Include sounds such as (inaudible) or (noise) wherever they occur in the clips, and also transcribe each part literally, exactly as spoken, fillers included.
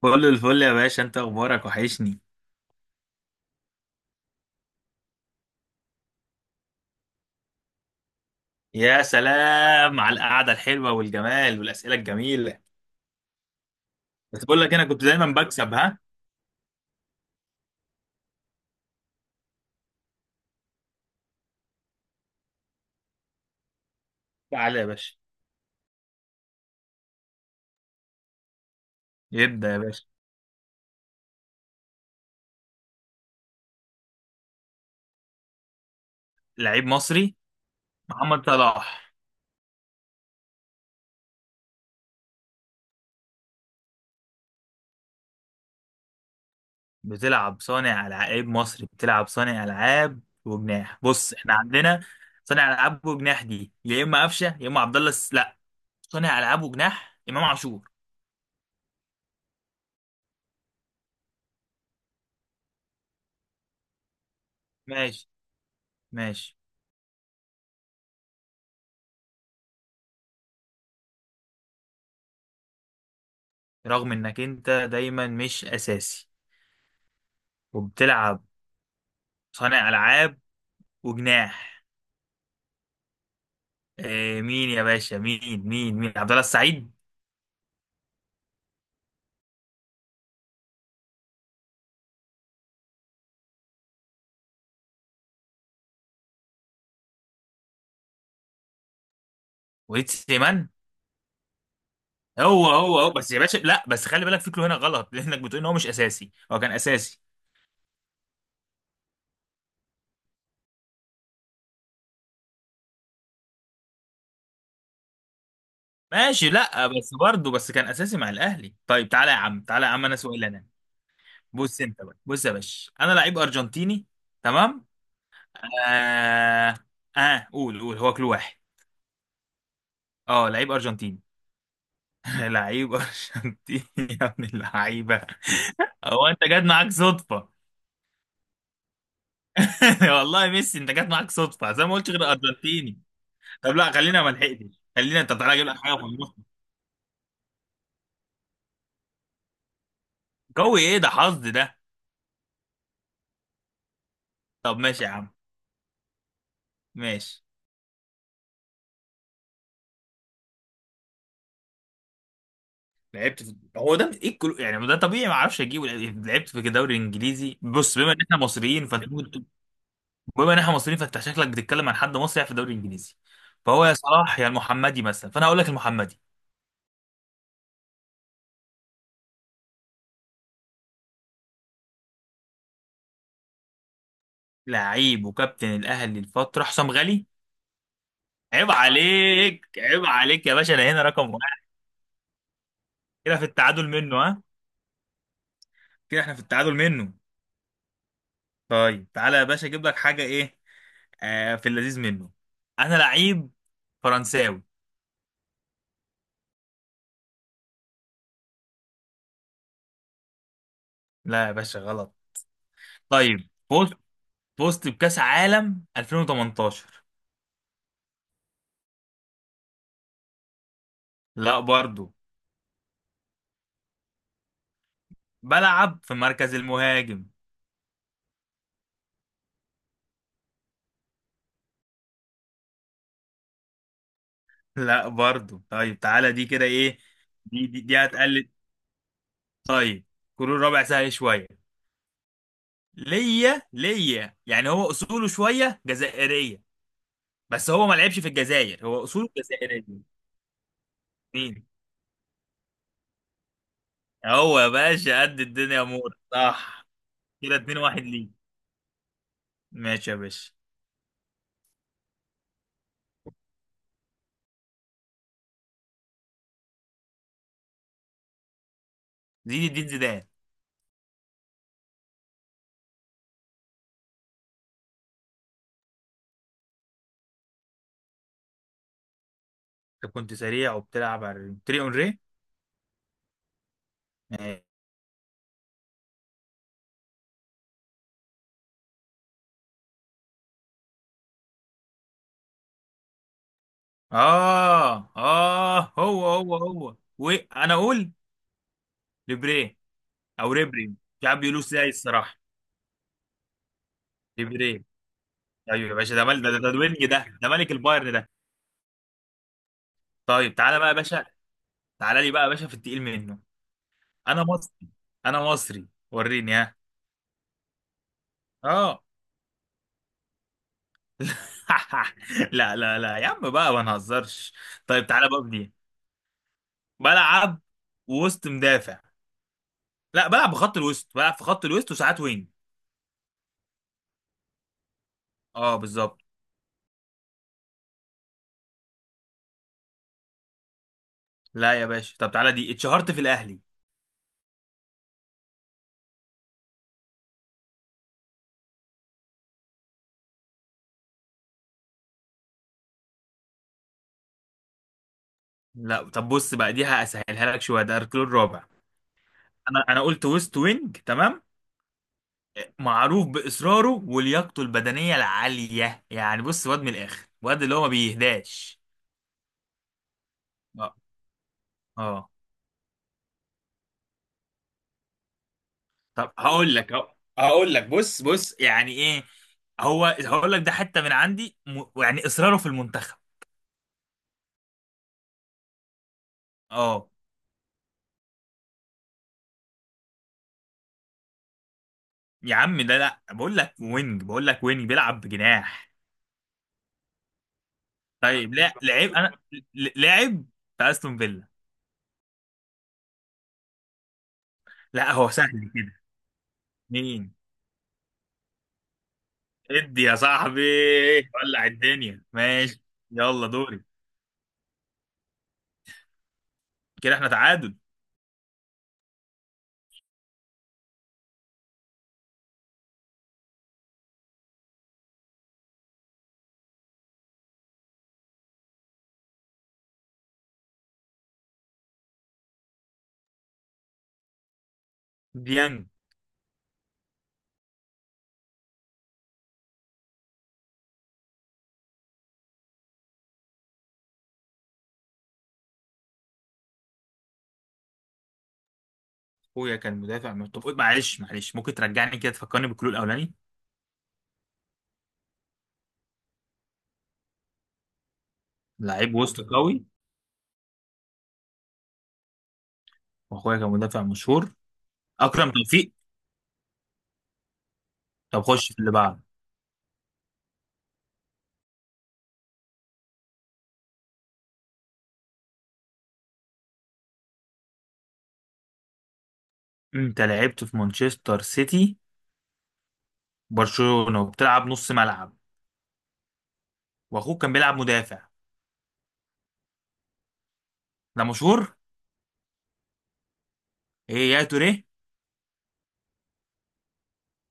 كل الفل يا باشا، انت اخبارك وحشني. يا سلام على القعده الحلوه والجمال والاسئله الجميله. بس بقول لك انا كنت دايما بكسب، ها. تعالى يا باشا. يبدا يا باشا. لعيب مصري؟ محمد صلاح. بتلعب صانع العاب؟ لعيب مصري بتلعب صانع العاب وجناح؟ بص احنا عندنا صانع العاب وجناح، دي يا اما قفشه يا اما عبد الله الس- لا. صانع العاب وجناح، امام عاشور. ماشي. ماشي. رغم انك انت دايما مش اساسي وبتلعب صانع العاب وجناح. إيه مين يا باشا؟ مين مين مين عبد الله السعيد؟ وليد سليمان. هو هو هو بس يا باشا، لا بس خلي بالك، فكره هنا غلط لانك بتقول ان هو مش اساسي، هو كان اساسي. ماشي، لا بس برضه بس كان اساسي مع الاهلي. طيب تعالى يا عم، تعالى يا عم، انا سؤال انا. بص انت بقى، بص يا باشا، انا لعيب ارجنتيني. تمام. اه. اه قول قول، هو كل واحد. اه لعيب ارجنتيني. (laughs) لعيب ارجنتيني يا ابن اللعيبه. هو انت جاد معاك صدفه؟ (laughs) والله ميسي انت جت معاك صدفه، زي ما قلتش غير ارجنتيني. طب لا خلينا، ما لحقتش خلينا، انت طالع اجيب لك حاجه في النص. قوي ايه ده، حظ ده. طب ماشي يا عم. ماشي. لعبت في؟ هو ده ايه الكل... يعني ده طبيعي، ما اعرفش اجيبه. لعبت في الدوري الانجليزي، بص بما ان احنا مصريين، فانت ممكن تقول-. بما ان احنا مصريين، فانت شكلك بتتكلم عن حد مصري في الدوري الانجليزي، فهو يا صلاح يا المحمدي مثلا، فانا هقول لك المحمدي. لعيب وكابتن الاهلي الفتره، حسام غالي. عيب عليك، عيب عليك يا باشا، انا هنا رقم واحد. كده في التعادل منه. كده احنا في التعادل منه. طيب تعالى يا باشا، اجيب لك حاجه ايه. آه في اللذيذ منه. انا لعيب فرنساوي. لا يا باشا غلط. طيب فزت، فزت بكاس عالم ألفين وتمنتاشر. لا برضو. بلعب في مركز المهاجم. لا برضو. طيب تعالى، دي كده ايه؟ دي دي, دي هتقلل. طيب. كرة ربع سهل شويه. ليا، ليا يعني هو اصوله شويه جزائريه، بس هو ما لعبش في الجزائر، هو اصوله جزائريه. مين؟ هو يا باشا قد الدنيا، امور صح. كده اتنين واحد ليك. ماشي يا باشا. زين الدين زيدان. انت كنت سريع وبتلعب على تري اون ري؟ ماشي. اه اه هو هو هو وانا اقول. ليبري. او ريبري، مش عارف بيقولوا ازاي الصراحه. ليبري. ايوه يا باشا ده مال ده، ده, ده الوينج ده، ده ملك البايرن ده. طيب تعالى بقى يا باشا، تعالى لي بقى يا باشا في التقيل منه. انا مصري. انا مصري، وريني ها. اه. (laughs) لا لا لا يا عم بقى، ما نهزرش. طيب تعالى بقى بدي. بلعب وسط مدافع. لا بلعب بخط الوسط، بلعب في خط الوسط وساعات وينج. اه بالظبط. لا يا باشا، طب تعالى، دي اتشهرت في الاهلي. لا طب بص بقى، دي هسهلها لك شويه، ده اركان الرابع. انا انا قلت وسط وينج، تمام. معروف باصراره ولياقته البدنيه العاليه، يعني بص واد من الاخر، واد اللي هو ما بيهداش. اه. اه. طب هقول لك أهو-. هقول لك بص، بص يعني ايه. هو هقول لك ده حتى من عندي م... يعني اصراره في المنتخب. اه. يا عم ده لا، بقول لك وينج، بقول لك وينج بيلعب بجناح. طيب لا لعب انا، ل- لعب في استون فيلا. لا هو سهل كده. مين؟ ادي يا صاحبي، ولع الدنيا ماشي. يلا دوري. كده احنا تعادل. ديانج. اخويا كان مدافع من- طب قول- معلش، معلش ممكن ترجعني كده، تفكرني بالكلو الاولاني. لعيب وسط قوي، واخويا كان مدافع مشهور. اكرم توفيق. طب خش في اللي بعده. انت لعبت في مانشستر سيتي برشلونة وبتلعب نص ملعب، واخوك كان بيلعب مدافع. ده مشهور. ايه يا توريه؟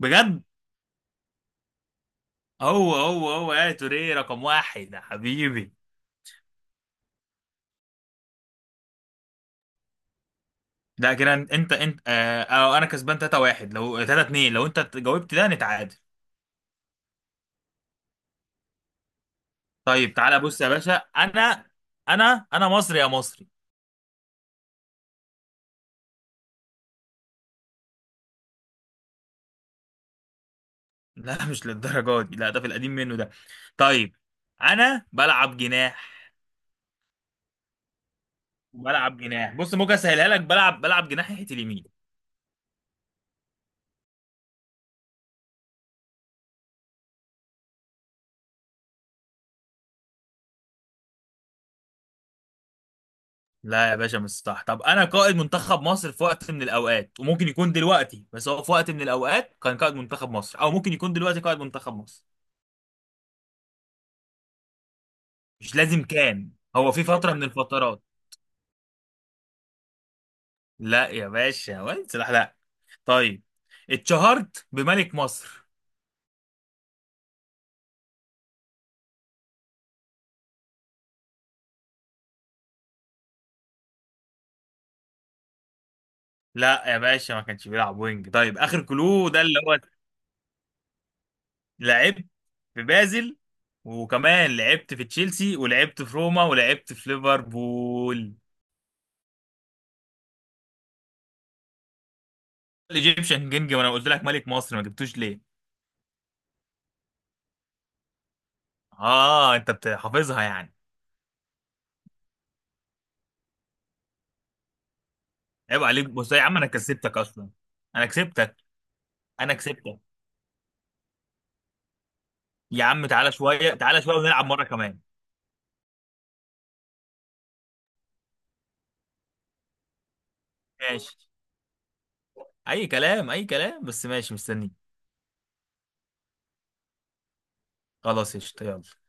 بجد. هو هو هو يا توريه، رقم واحد يا حبيبي. ده كده انت انت انت- آه، آه، انا كسبان تلاتة واحد، لو ثلاثة اتنين لو انت جاوبت ده نتعادل. طيب تعالى بص يا باشا، انا. انا انا مصري يا مصري. (laughs) لا مش للدرجه دي لا، ده في القديم منه ده. طيب. انا بلعب جناح. بلعب جناح، بص ممكن اسهلها لك، بلعب بلعب جناح ناحيه اليمين. لا يا باشا مش صح. طب انا قائد منتخب مصر في وقت من الاوقات، وممكن يكون دلوقتي، بس هو في وقت من الاوقات كان قائد منتخب مصر، او ممكن يكون دلوقتي قائد منتخب مصر. مش لازم كان، هو في فتره من الفترات. لا يا باشا، واد سلاح لا. طيب اتشهرت بملك مصر. لا يا باشا ما كانش بيلعب وينج. طيب اخر كلو ده، اللي هو لعبت في بازل، وكمان لعبت في تشيلسي، ولعبت في روما، ولعبت في ليفربول. الايجيبشن كينج؟ ما انا قلت لك ملك مصر، ما جبتوش ليه؟ اه انت بت- حافظها يعني. عيب عليك، بص يا عم انا كسبتك اصلا. انا كسبتك. انا كسبتك. يا عم تعالى شويه، تعالى شويه ونلعب مره كمان. ماشي. اي كلام، اي كلام، بس ماشي مستنيك. خلاص قشطة يلا.